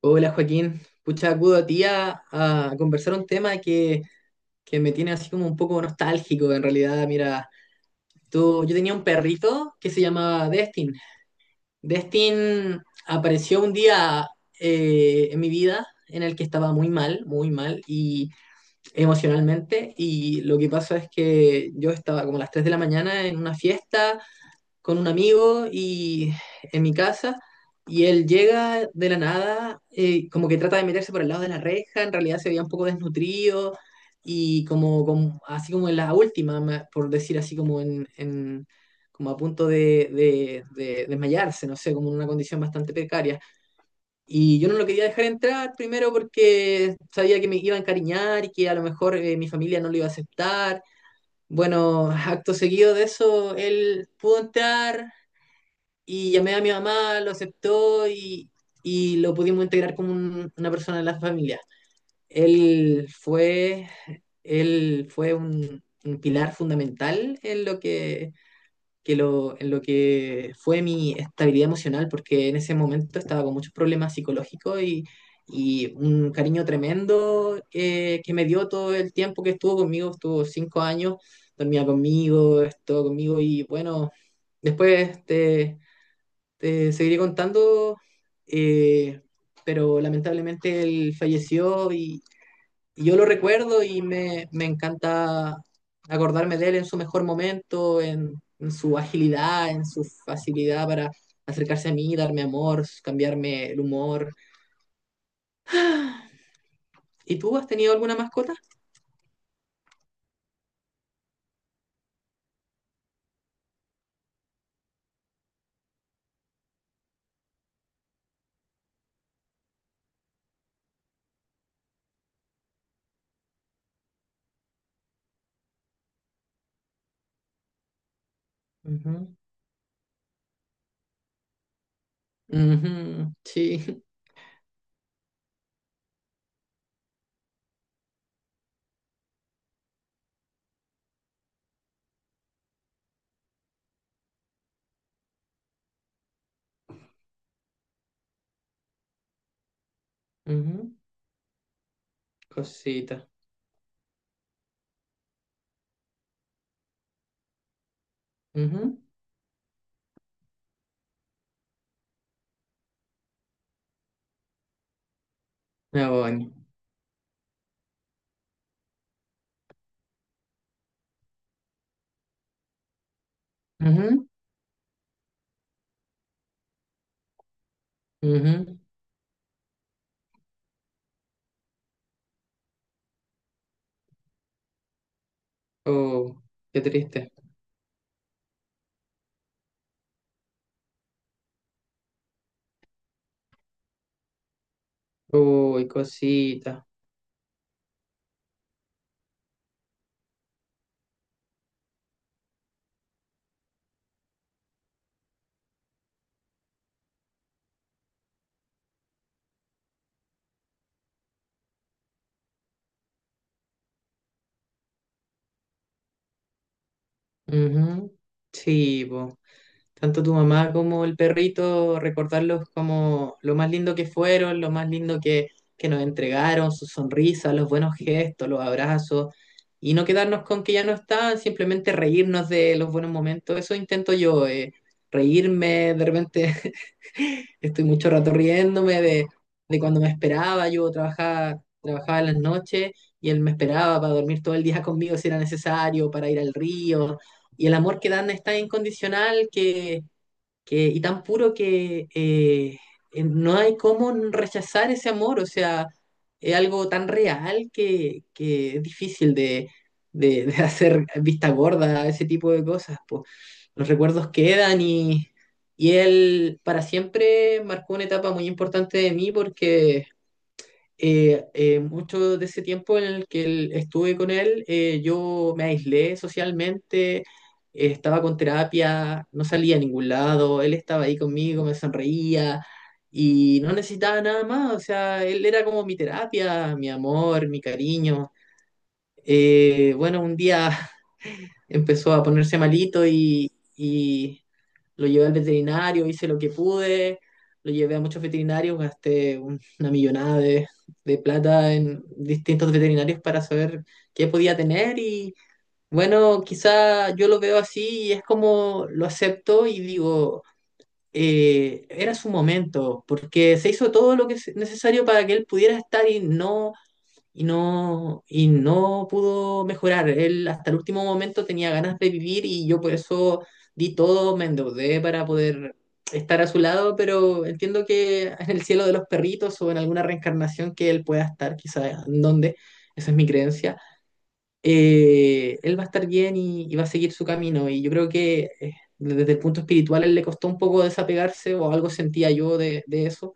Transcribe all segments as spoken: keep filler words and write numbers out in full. Hola Joaquín, pucha, acudo a ti a, a conversar un tema que, que me tiene así como un poco nostálgico en realidad. Mira, tú, yo tenía un perrito que se llamaba Destin. Destin apareció un día eh, en mi vida en el que estaba muy mal, muy mal y emocionalmente. Y lo que pasó es que yo estaba como a las tres de la mañana en una fiesta con un amigo y en mi casa, y él llega de la nada, eh, como que trata de meterse por el lado de la reja. En realidad se veía un poco desnutrido y como, como- así como en la última, ma- por decir así como en, en- como a punto de, de de desmayarse, no sé, como en una condición bastante precaria. Y yo no lo quería dejar entrar primero porque sabía que me iba a encariñar y que a lo mejor eh, mi familia no lo iba a aceptar. Bueno, acto seguido de eso, él pudo entrar, y llamé a mi mamá, lo aceptó y, y lo pudimos integrar como un- una persona de la familia. Él fue, él fue un, un pilar fundamental en lo que, que lo, en lo que fue mi estabilidad emocional, porque en ese momento estaba con muchos problemas psicológicos, y, y un cariño tremendo eh, que me dio todo el tiempo que estuvo conmigo. Estuvo cinco años, dormía conmigo, estuvo conmigo, y bueno, después este te seguiré contando, eh, pero lamentablemente él falleció, y, y yo lo recuerdo y me, me encanta acordarme de él en su mejor momento, en, en su agilidad, en su facilidad para acercarse a mí, darme amor, cambiarme el humor. ¿Y tú has tenido alguna mascota? Ujú, ujú, sí, ujú, cosita. Ujú. Me voy. Ujú, ujú. Oh, qué triste. Uy, cosita. Ujú. Sí, po. Tanto tu mamá como el perrito, recordarlos como lo más lindo que fueron, lo más lindo que, que nos entregaron, sus sonrisas, los buenos gestos, los abrazos, y no quedarnos con que ya no están, simplemente reírnos de los buenos momentos. Eso intento yo, eh, reírme, de repente estoy mucho rato riéndome de, de cuando me esperaba. Yo trabajaba, trabajaba en las noches, y él me esperaba para dormir todo el día conmigo si era necesario, para ir al río, y el amor que dan es tan incondicional que, que, y tan puro que eh, eh, no hay cómo rechazar ese amor. O sea, es algo tan real que, que es difícil de, de- de hacer vista gorda a ese tipo de cosas, po. Los recuerdos quedan, y, y él para siempre marcó una etapa muy importante de mí, porque eh, eh, mucho de ese tiempo en el que él- estuve con él, eh, yo me aislé socialmente, eh, estaba con terapia, no salía a ningún lado, él estaba ahí conmigo, me sonreía y no necesitaba nada más. O sea, él era como mi terapia, mi amor, mi cariño. Eh, bueno, un día empezó a ponerse malito y lo llevé al veterinario, hice lo que pude, lo llevé a muchos veterinarios, gasté un- una millonada de, de plata en distintos veterinarios para saber qué podía tener. Y bueno, quizá yo lo veo así y es como lo acepto y digo, eh, era su momento, porque se hizo todo lo que es necesario para que él pudiera estar y no y no, y no pudo mejorar. Él hasta el último momento tenía ganas de vivir, y yo por eso di todo, me endeudé para poder estar a su lado, pero entiendo que en el cielo de los perritos, o en alguna reencarnación que él pueda estar, quizás en donde, esa es mi creencia, eh, él va a estar bien, y, y va a seguir su camino. Y yo creo que eh, desde el punto espiritual a él le costó un poco desapegarse, o algo sentía yo de de eso,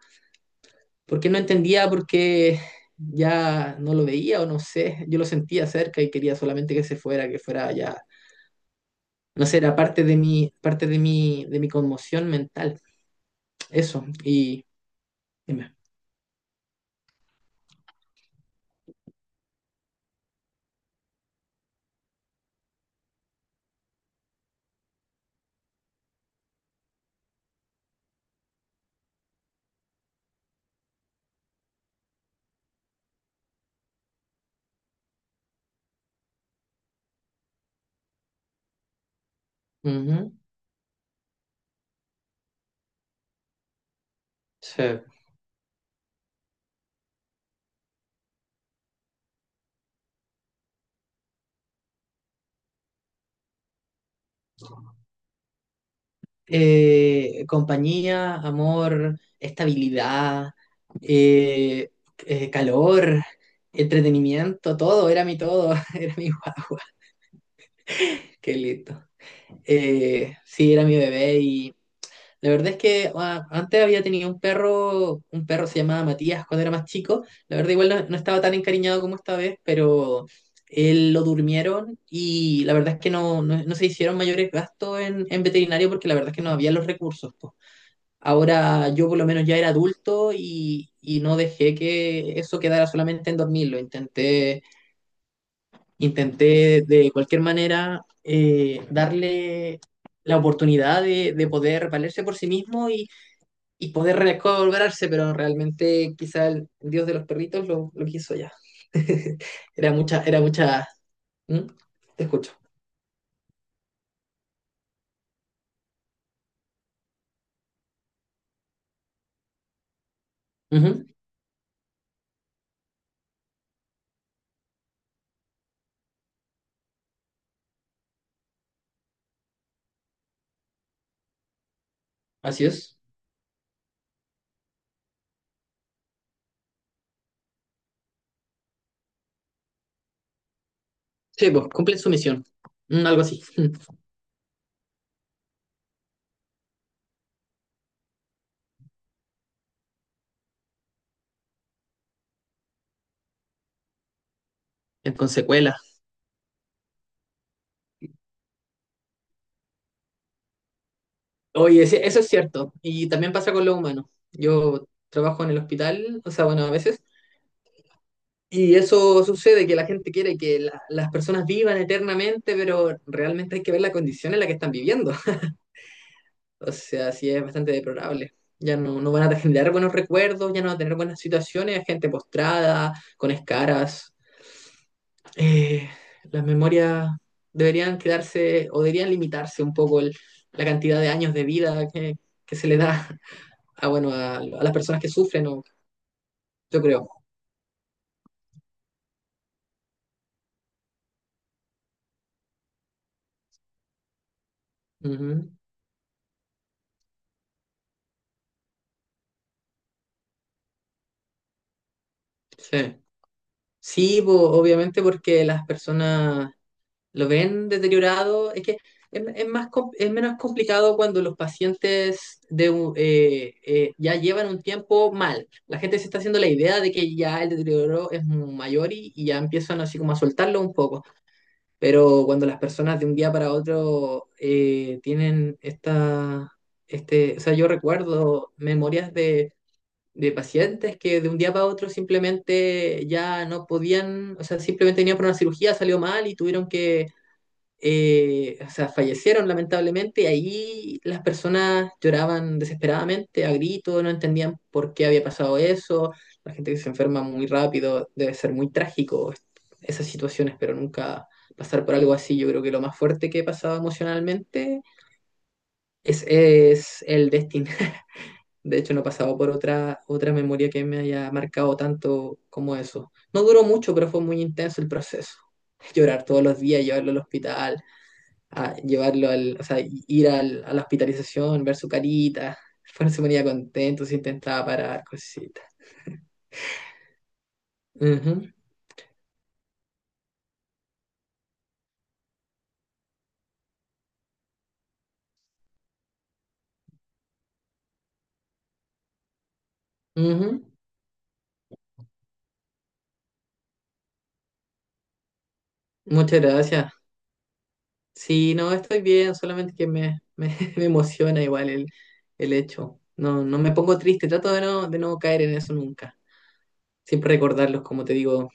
porque no entendía, porque ya no lo veía, o no sé, yo lo sentía cerca y quería solamente que se fuera, que fuera ya, no sé, era parte de mi, parte de mi, de mi conmoción mental, eso, y dime. Ujú, sí. Eh, compañía, amor, estabilidad, eh, eh, calor, entretenimiento, todo, era mi todo, era mi guagua, qué lindo. Eh, sí, era mi bebé. Y la verdad es que ah, antes había tenido un perro, un perro se llamaba Matías cuando era más chico. La verdad, igual no, no estaba tan encariñado como esta vez, pero él lo durmieron, y la verdad es que no, no- no se hicieron mayores gastos en, en veterinario, porque la verdad es que no había los recursos, po. Ahora yo por lo menos ya era adulto, y, y no dejé que eso quedara solamente en dormirlo. Intenté, intenté de cualquier manera eh, darle la oportunidad de, de poder valerse por sí mismo y y poder recobrarse, pero realmente quizá el dios de los perritos lo, lo quiso ya. Era mucha, era mucha. ¿Mm? Te escucho. Ujú. Así es. Sí, pues cumplen su misión. Mm, algo así. Mm. En consecuela. Oye, sí, eso es cierto. Y también pasa con los humanos. Yo trabajo en el hospital, o sea, bueno, a veces. Y eso sucede, que la gente quiere que la- las personas vivan eternamente, pero realmente hay que ver la condición en la que están viviendo. O sea, sí es bastante deplorable. Ya no, no van a generar buenos recuerdos, ya no van a tener buenas situaciones, gente postrada, con escaras. Eh, las memorias deberían quedarse, o deberían limitarse un poco el- la cantidad de años de vida que, que se le da a, bueno, a, a las personas que sufren, o- yo creo. Ujú. Sí, sí, po, obviamente, porque las personas lo ven deteriorado. Es que es, es más, com- es menos complicado cuando los pacientes de, un- eh, eh, ya llevan un tiempo mal. La gente se está haciendo la idea de que ya el deterioro es mayor, y, y ya empiezan así como a soltarlo un poco. Pero cuando las personas de un día para otro eh, tienen esta, este, o sea, yo recuerdo memorias de. De pacientes que de un día para otro simplemente ya no podían, o sea, simplemente tenían por una cirugía, salió mal y tuvieron que, eh, o sea, fallecieron lamentablemente, y ahí las personas lloraban desesperadamente, a gritos, no entendían por qué había pasado eso. La gente que se enferma muy rápido, debe ser muy trágico est- esas situaciones, pero nunca pasar por algo así, yo creo que lo más fuerte que he pasado emocionalmente es, es el destino. De hecho, no he pasado por otra, otra memoria que me haya marcado tanto como eso. No duró mucho, pero fue muy intenso el proceso. Llorar todos los días, llevarlo al hospital, a llevarlo al, o sea, ir al- a la hospitalización, ver su carita. Después no se ponía contento, se intentaba parar, cositas. Ujú, ujú. Muchas gracias. Sí, no, estoy bien, solamente que me, me, me emociona igual el, el hecho. No, no me pongo triste, trato de no, de no caer en eso nunca. Siempre recordarlos, como te digo.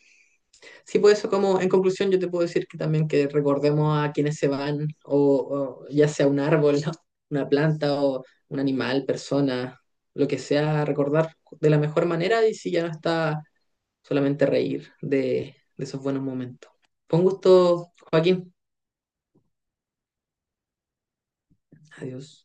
Sí, pues eso, como en conclusión, yo te puedo decir que también que recordemos a quienes se van, o, o ya sea un árbol, ¿no? Una planta, o un animal, persona, lo que sea, recordar de la mejor manera, y si ya no está, solamente reír de, de esos buenos momentos. Con gusto, Joaquín. Adiós.